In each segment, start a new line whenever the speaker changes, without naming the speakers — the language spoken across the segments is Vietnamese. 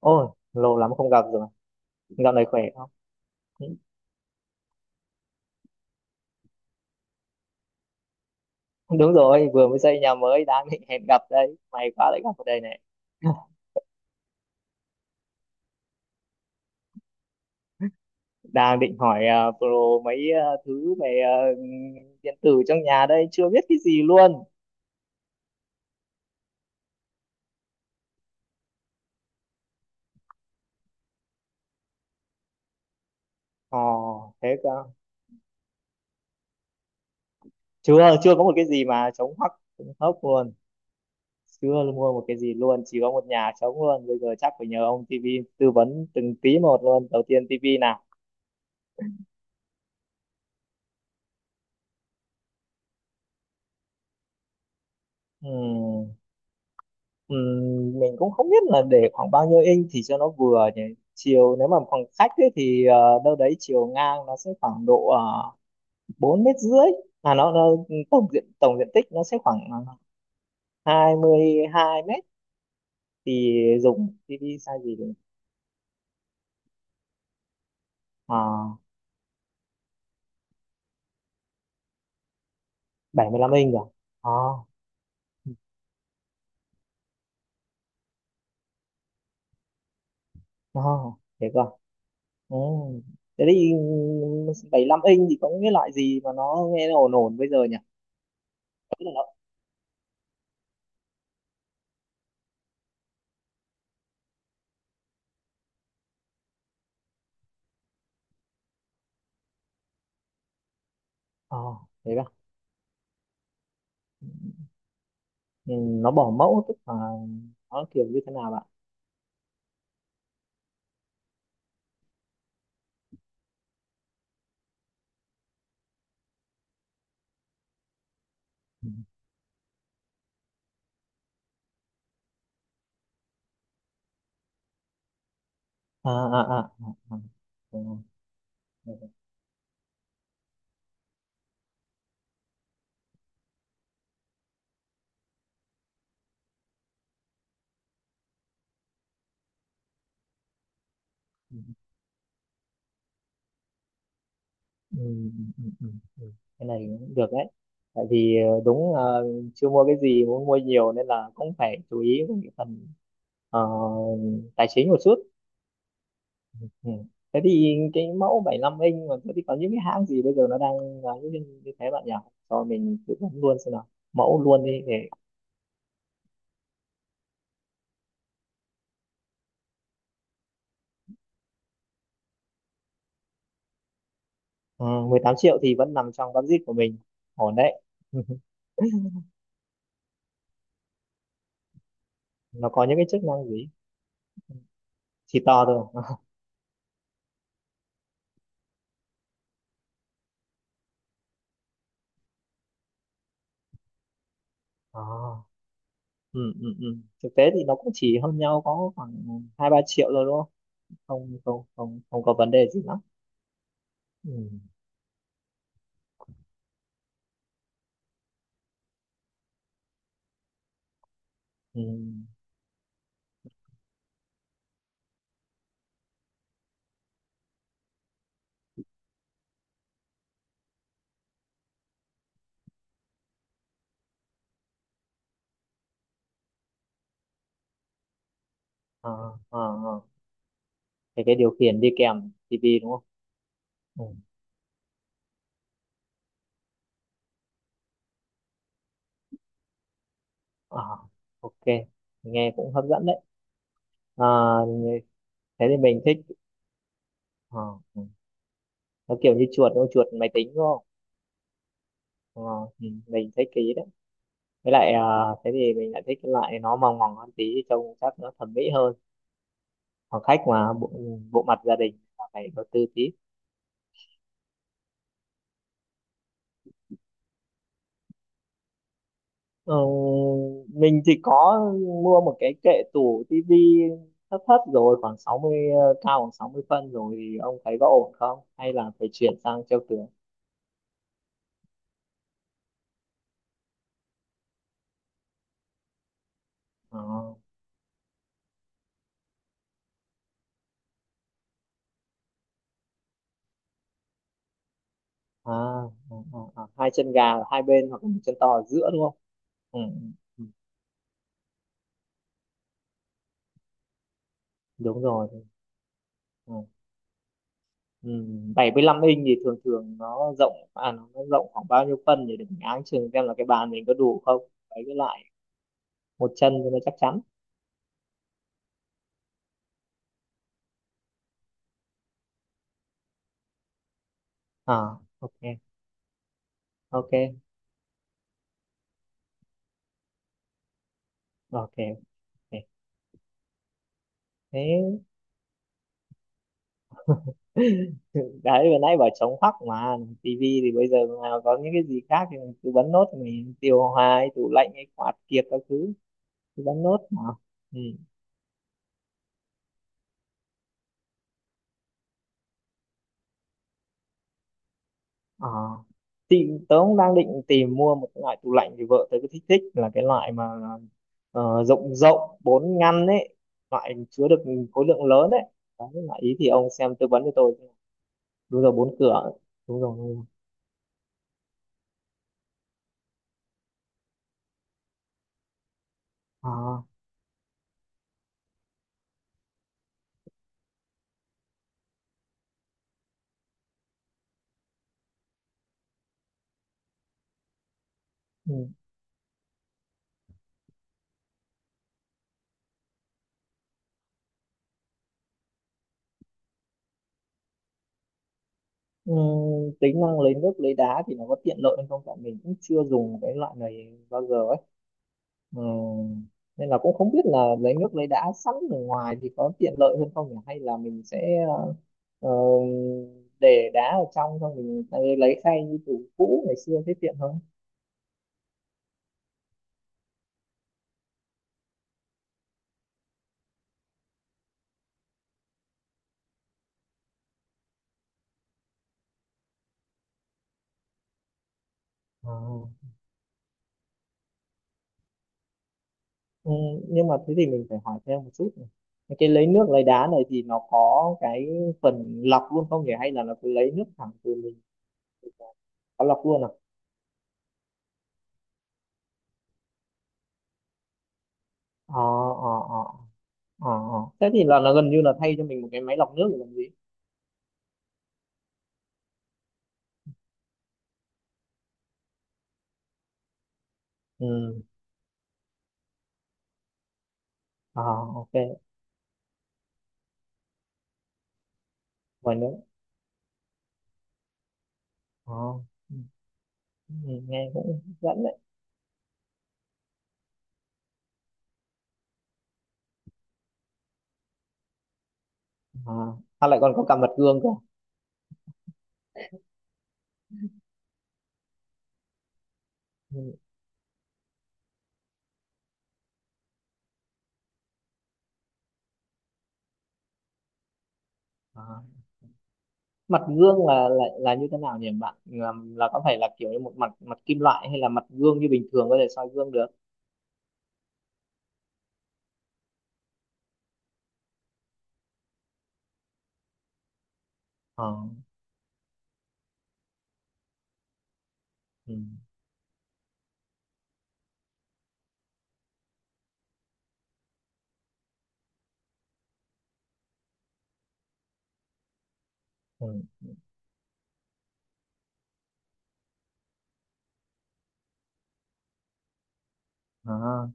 Ôi, lâu lắm không gặp rồi. Dạo này khỏe không? Đúng rồi, vừa mới xây nhà mới, đang định hẹn gặp đây. May quá lại gặp ở đây này. Đang định hỏi pro mấy thứ về điện tử trong nhà đây, chưa biết cái gì luôn. Ồ, thế cơ. Chưa có một cái gì mà chống hoắc, chống hốc luôn. Chưa mua một cái gì luôn, chỉ có một nhà trống luôn. Bây giờ chắc phải nhờ ông TV tư vấn từng tí một luôn. Đầu tiên TV nào. Ừ. Mình cũng không biết là để khoảng bao nhiêu inch thì cho nó vừa nhỉ. Chiều nếu mà khoảng khách ấy, thì đâu đấy chiều ngang nó sẽ khoảng độ 4,5 mét. Nó tổng diện tích nó sẽ khoảng 22 mét, thì dùng TV size gì được? uh, 75 inch rồi à? À, thế cơ. Ừ, thế thì 75 inch thì có những cái loại gì mà nó nghe nó ổn ổn bây giờ nhỉ? Vẫn là ờ thế cơ à? Ừ, nó bỏ mẫu tức là nó kiểu như thế nào bạn? Ừ. À à à, à, à. Ừ, ừ, ừ, ừ, ừ, ừ, ừ. Cái này cũng được đấy, tại vì đúng, chưa mua cái gì, muốn mua nhiều nên là cũng phải chú ý đến cái phần ờ, tài chính một chút. Ừ. Thế thì cái mẫu 75 inch mà thế thì có những cái hãng gì bây giờ nó đang là như thế bạn nhỉ? Cho mình tư vấn luôn xem nào, mẫu luôn đi để ờ, 18 triệu thì vẫn nằm trong budget của mình. Ổn đấy. Nó có những cái chức năng gì? Chỉ to thôi à? À, ừ, ừ, ừ. Thực tế thì nó cũng chỉ hơn nhau có khoảng hai ba triệu rồi đúng Không, không, không, không, không có vấn đề gì lắm. Ừ, ừ. À, à, à. Thế cái điều khiển đi kèm tivi đúng không? Ừ. À, ok, nghe cũng hấp dẫn đấy. À, thế thì mình thích. À, ừ. Nó kiểu như chuột đúng không? Chuột máy tính đúng không? Ờ, ừ, mình thích cái ý đấy. Với lại thế thì mình lại thích cái loại nó mỏng mỏng hơn tí, trông chắc nó thẩm mỹ hơn. Phòng khách mà, bộ bộ mặt gia đình là phải đầu tư tí. Ờ, mình thì có mua một cái kệ tủ tivi thấp thấp rồi khoảng 60, cao khoảng 60 phân rồi thì ông thấy có ổn không hay là phải chuyển sang treo tường? Ờ, à, à, à, à, hai chân gà ở hai bên hoặc là một chân to ở giữa đúng không? Ừ, ừ, ừ, đúng rồi. Ừ. Ừ, 75 inch thì thường thường nó rộng, nó rộng khoảng bao nhiêu phân để mình áng chừng xem là cái bàn mình có đủ không? Đấy, cái lại một chân cho nó chắc chắn. À, ok, ok, ok, ok. Thế. Đấy vừa nãy bảo chống hoắc mà, tivi thì bây giờ mà có những cái gì khác thì mình cứ bấm nốt, mình điều hòa hay tủ lạnh hay quạt kiệt các thứ cứ bấm nốt mà. Ừ. À, thì tớ cũng đang định tìm mua một cái loại tủ lạnh, thì vợ tớ cứ thích thích là cái loại mà rộng rộng bốn ngăn ấy, loại chứa được khối lượng lớn ấy. Đấy là ý thì ông xem tư vấn cho tôi. Đúng rồi, bốn cửa. Đúng rồi, đúng rồi. À. Ừ. Tính năng lấy nước lấy đá thì nó có tiện lợi hay không, tại mình cũng chưa dùng cái loại này bao giờ ấy. Ừm, nên là cũng không biết là lấy nước lấy đá sẵn ở ngoài thì có tiện lợi hơn không nhỉ, hay là mình sẽ ờ, để đá ở trong xong mình lấy khay như tủ cũ ngày xưa thế tiện hơn. Ờ. Ừm, nhưng mà thế thì mình phải hỏi thêm một chút này. Cái lấy nước lấy đá này thì nó có cái phần lọc luôn không nhỉ, hay là nó cứ lấy nước thẳng từ mình? Có lọc luôn à? Ờ, ờ, ờ, ờ, ờ. Thế thì là gần như là thay cho mình một cái máy lọc nước để làm gì. Ừ, à, ok. Vòi nữa. Ờ, ừ. Ừ, nghe cũng hấp dẫn đấy. À, à lại còn có cả mặt gương cơ. Ừ. À. Mặt gương là như thế nào nhỉ bạn, là, có phải là kiểu như một mặt mặt kim loại hay là mặt gương như bình thường có thể soi gương được? Ờ. Ừ. Ừ. À.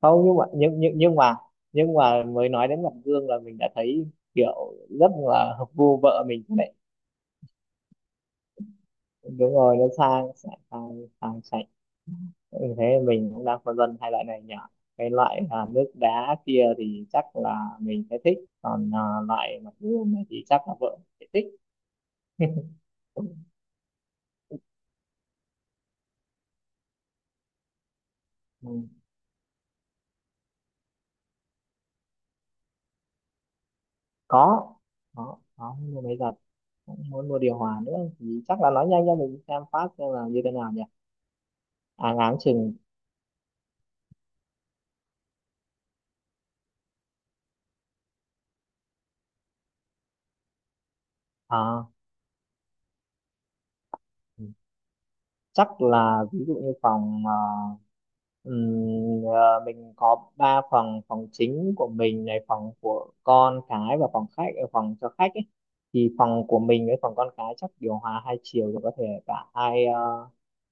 Không, nhưng mà nhưng mà mới nói đến mặt gương là mình đã thấy kiểu rất là hợp gu vợ mình. Đúng rồi, nó sang, sang sang, sang sạch. Ừ, thế mình cũng đang phân vân hai loại này nhỉ. Cái loại nước đá kia thì chắc là mình sẽ thích, còn loại mặt gương này thì chắc là vợ sẽ thích. Ừ, có có mua máy giặt, cũng muốn mua điều hòa nữa thì chắc là nói nhanh cho mình xem phát xem là như thế nào nhỉ. À, ngáng chừng. À. Ừ. Chắc là ví dụ như phòng, ờ, mình có ba phòng, phòng chính của mình này, phòng của con cái, và phòng khách, phòng cho khách ấy. Thì phòng của mình với phòng con cái chắc điều hòa hai chiều thì có thể cả hai,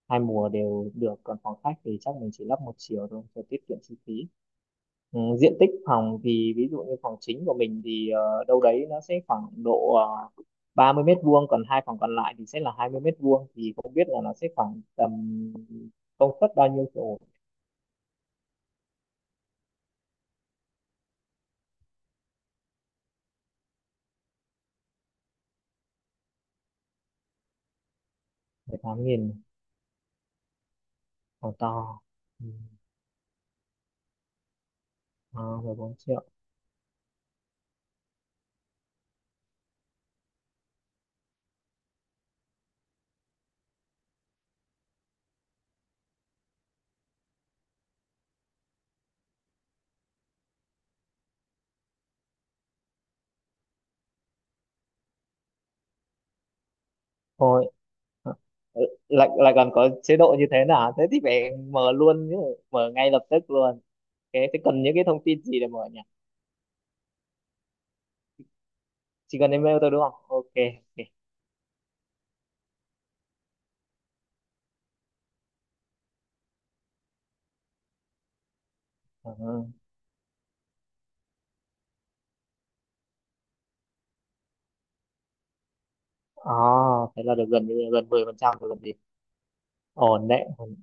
hai mùa đều được, còn phòng khách thì chắc mình chỉ lắp một chiều thôi cho tiết kiệm chi phí. Ừ, diện tích phòng thì ví dụ như phòng chính của mình thì đâu đấy nó sẽ khoảng độ uh, 30 mét vuông, còn hai phòng còn lại thì sẽ là 20 mét vuông, thì không biết là nó sẽ khoảng tầm công suất bao nhiêu chỗ. 18 nghìn, phòng to. Ừ. À, 14 triệu thôi. Ờ, ừ, lại lại còn có chế độ như thế nào, thế thì phải mở luôn chứ, mở ngay lập tức luôn. Cái thế cần những cái thông tin gì để mở nhỉ? Chỉ cần email thôi đúng không? Ok, ok. Ừ. À, thế là được gần gần 10% rồi còn gì. Ổn đấy, ổn.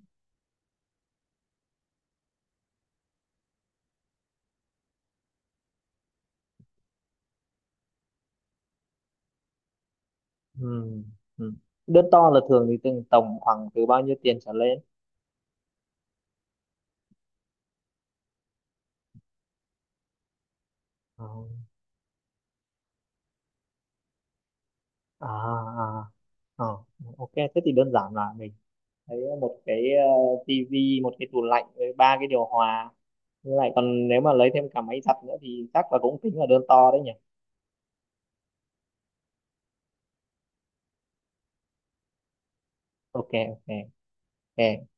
Ừ. Ừ. Đứa to là thường thì từng tổng khoảng từ bao nhiêu tiền trở lên? Ờ. À, à. Ờ, ok thế thì đơn giản là mình thấy một cái tivi, một cái tủ lạnh với ba cái điều hòa. Như lại còn nếu mà lấy thêm cả máy giặt nữa thì chắc là cũng tính là đơn to đấy nhỉ? Ok, ok, ok.